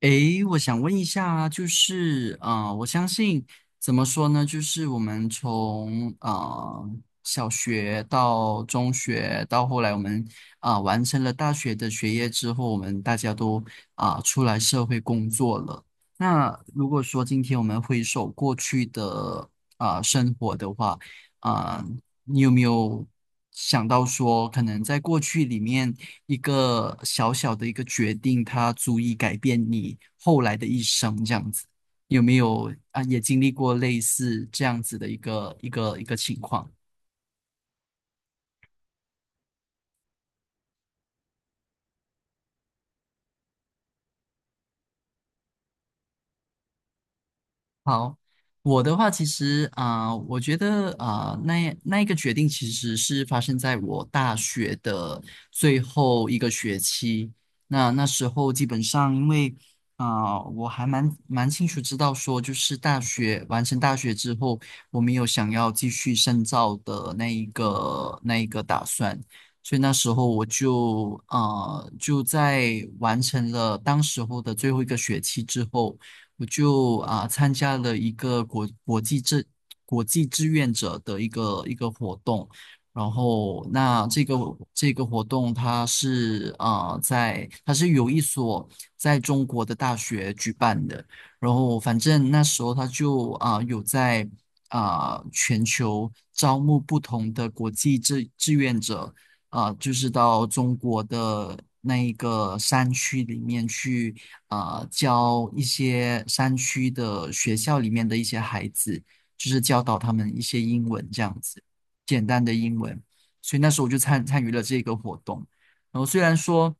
诶，我想问一下，就是我相信怎么说呢？就是我们从小学到中学，到后来我们完成了大学的学业之后，我们大家都出来社会工作了。那如果说今天我们回首过去的生活的话，啊、你有没有想到说，可能在过去里面一个小小的一个决定，它足以改变你后来的一生，这样子？有没有啊？也经历过类似这样子的一个情况？好，我的话其实我觉得那一个决定其实是发生在我大学的最后一个学期。那时候基本上因为我还蛮清楚知道说，就是大学完成大学之后，我没有想要继续深造的那一个打算。所以那时候我就就在完成了当时候的最后一个学期之后。我就参加了一个国际志愿者的一个活动，然后那这个活动它是在它是有一所在中国的大学举办的，然后反正那时候他就有在全球招募不同的国际志愿者。就是到中国的那一个山区里面去教一些山区的学校里面的一些孩子，就是教导他们一些英文这样子，简单的英文。所以那时候我就参与了这个活动。然后虽然说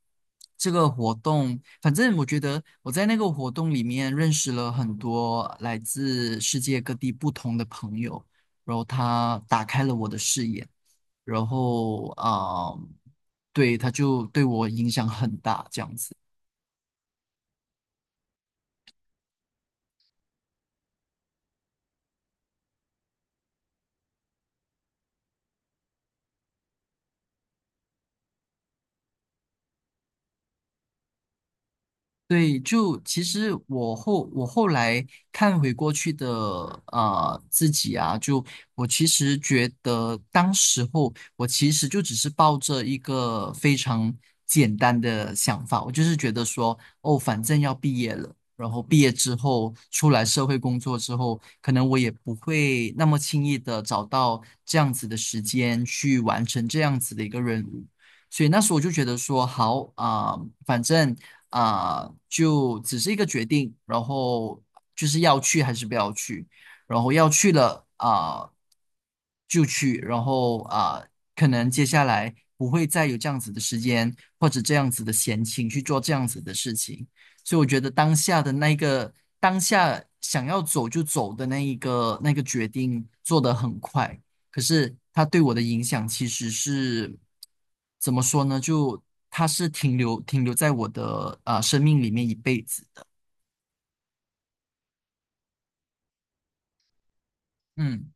这个活动，反正我觉得我在那个活动里面认识了很多来自世界各地不同的朋友，然后他打开了我的视野，然后对，他就对我影响很大，这样子。对，就其实我后来看回过去的自己啊，就我其实觉得当时候我其实就只是抱着一个非常简单的想法，我就是觉得说，哦，反正要毕业了，然后毕业之后出来社会工作之后，可能我也不会那么轻易的找到这样子的时间去完成这样子的一个任务。所以那时候我就觉得说，好啊、反正就只是一个决定，然后就是要去还是不要去，然后要去了就去，然后可能接下来不会再有这样子的时间或者这样子的闲情去做这样子的事情，所以我觉得当下的当下想要走就走的那个决定做得很快。可是它对我的影响其实是怎么说呢？就它是停留在我的生命里面一辈子的。嗯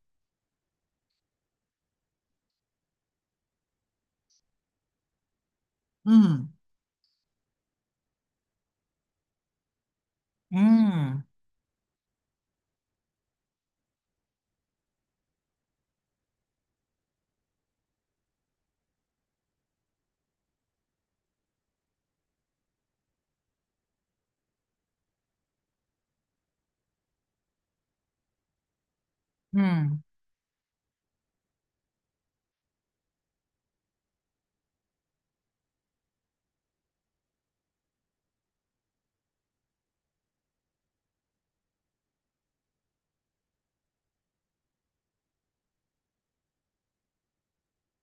嗯嗯嗯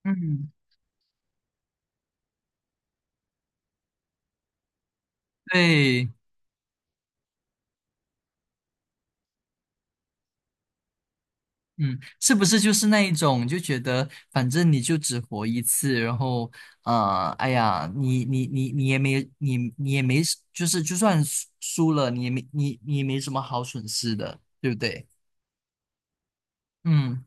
嗯，对，嗯，是不是就是那一种就觉得反正你就只活一次，然后哎呀，你你你你也没你你也没就是就算输了，你也没什么好损失的，对不对？嗯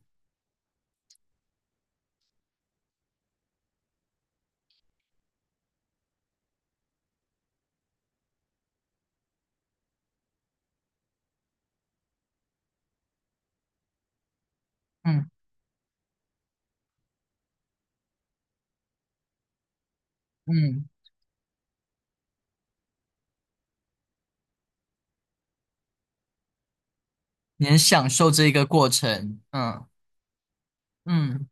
嗯嗯你很享受这个过程，嗯嗯，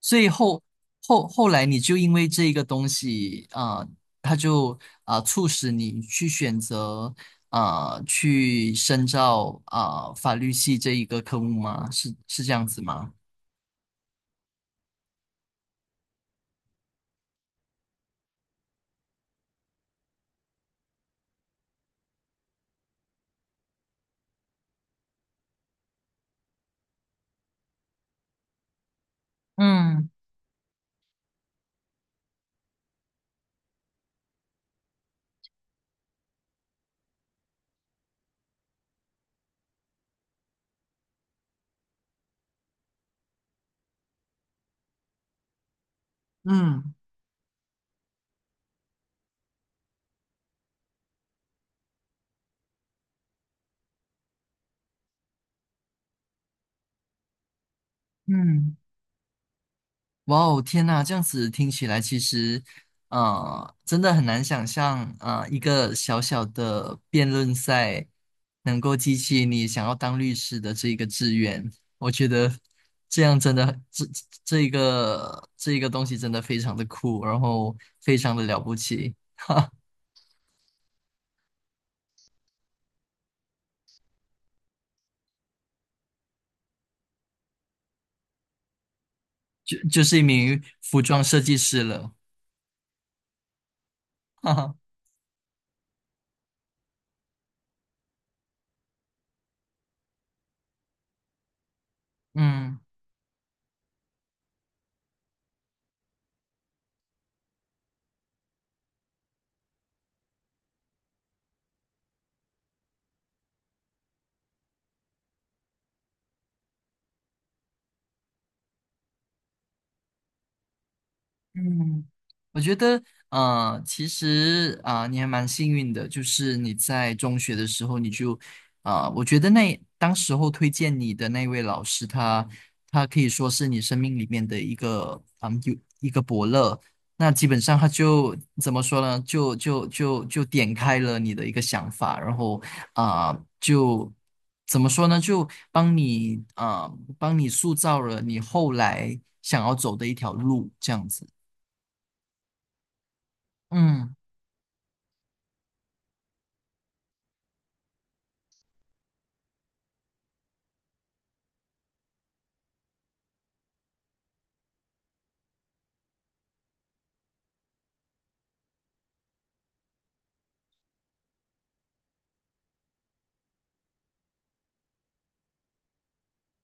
所以后来你就因为这一个东西啊，它就促使你去选择去深造法律系这一个科目吗？是这样子吗？嗯嗯嗯。哇哦，天呐，这样子听起来其实，真的很难想象，一个小小的辩论赛能够激起你想要当律师的这一个志愿。我觉得这样真的，这一个东西真的非常的酷，然后非常的了不起，就是一名服装设计师了，哈哈，嗯。嗯，我觉得，其实你还蛮幸运的，就是你在中学的时候，你就，我觉得那当时候推荐你的那位老师他，他可以说是你生命里面的一个，嗯，有一个伯乐。那基本上他就怎么说呢？就点开了你的一个想法，然后啊、就怎么说呢？就帮你塑造了你后来想要走的一条路，这样子。嗯，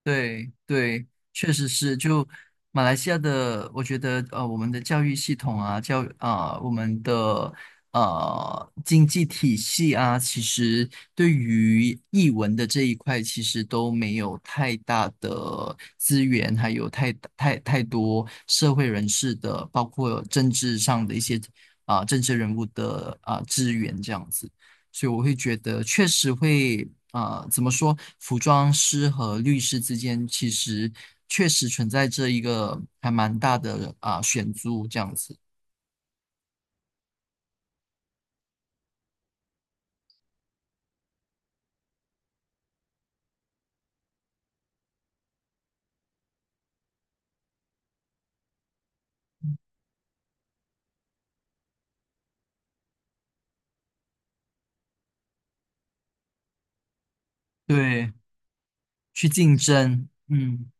对对，确实是。就马来西亚的，我觉得我们的教育系统啊，我们的经济体系啊，其实对于译文的这一块，其实都没有太大的资源，还有太多社会人士的，包括政治上的一些政治人物的资源这样子。所以我会觉得确实会，怎么说，服装师和律师之间其实确实存在着一个还蛮大的选租这样子，对，去竞争，嗯。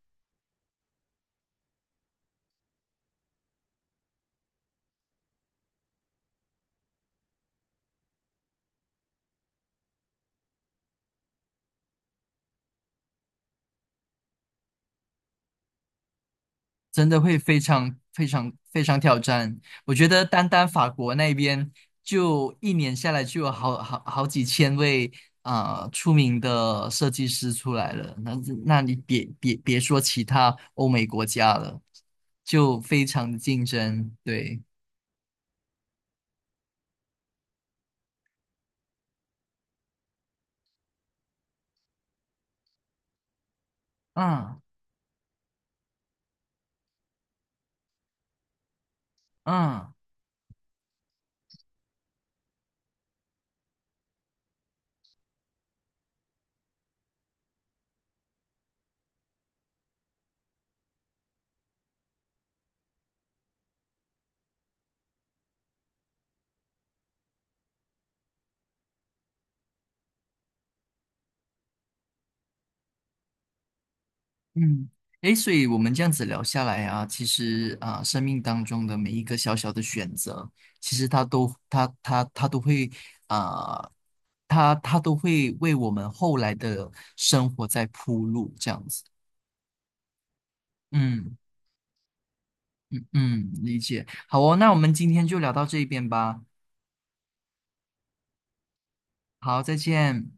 真的会非常非常非常挑战。我觉得单单法国那边就一年下来就有好几千位出名的设计师出来了，那你别说其他欧美国家了，就非常的竞争。对，嗯嗯。嗯，诶，所以我们这样子聊下来啊，其实啊，生命当中的每一个小小的选择，其实它都会啊，它都会为我们后来的生活在铺路，这样子。嗯嗯，理解。好哦，那我们今天就聊到这边吧。好，再见。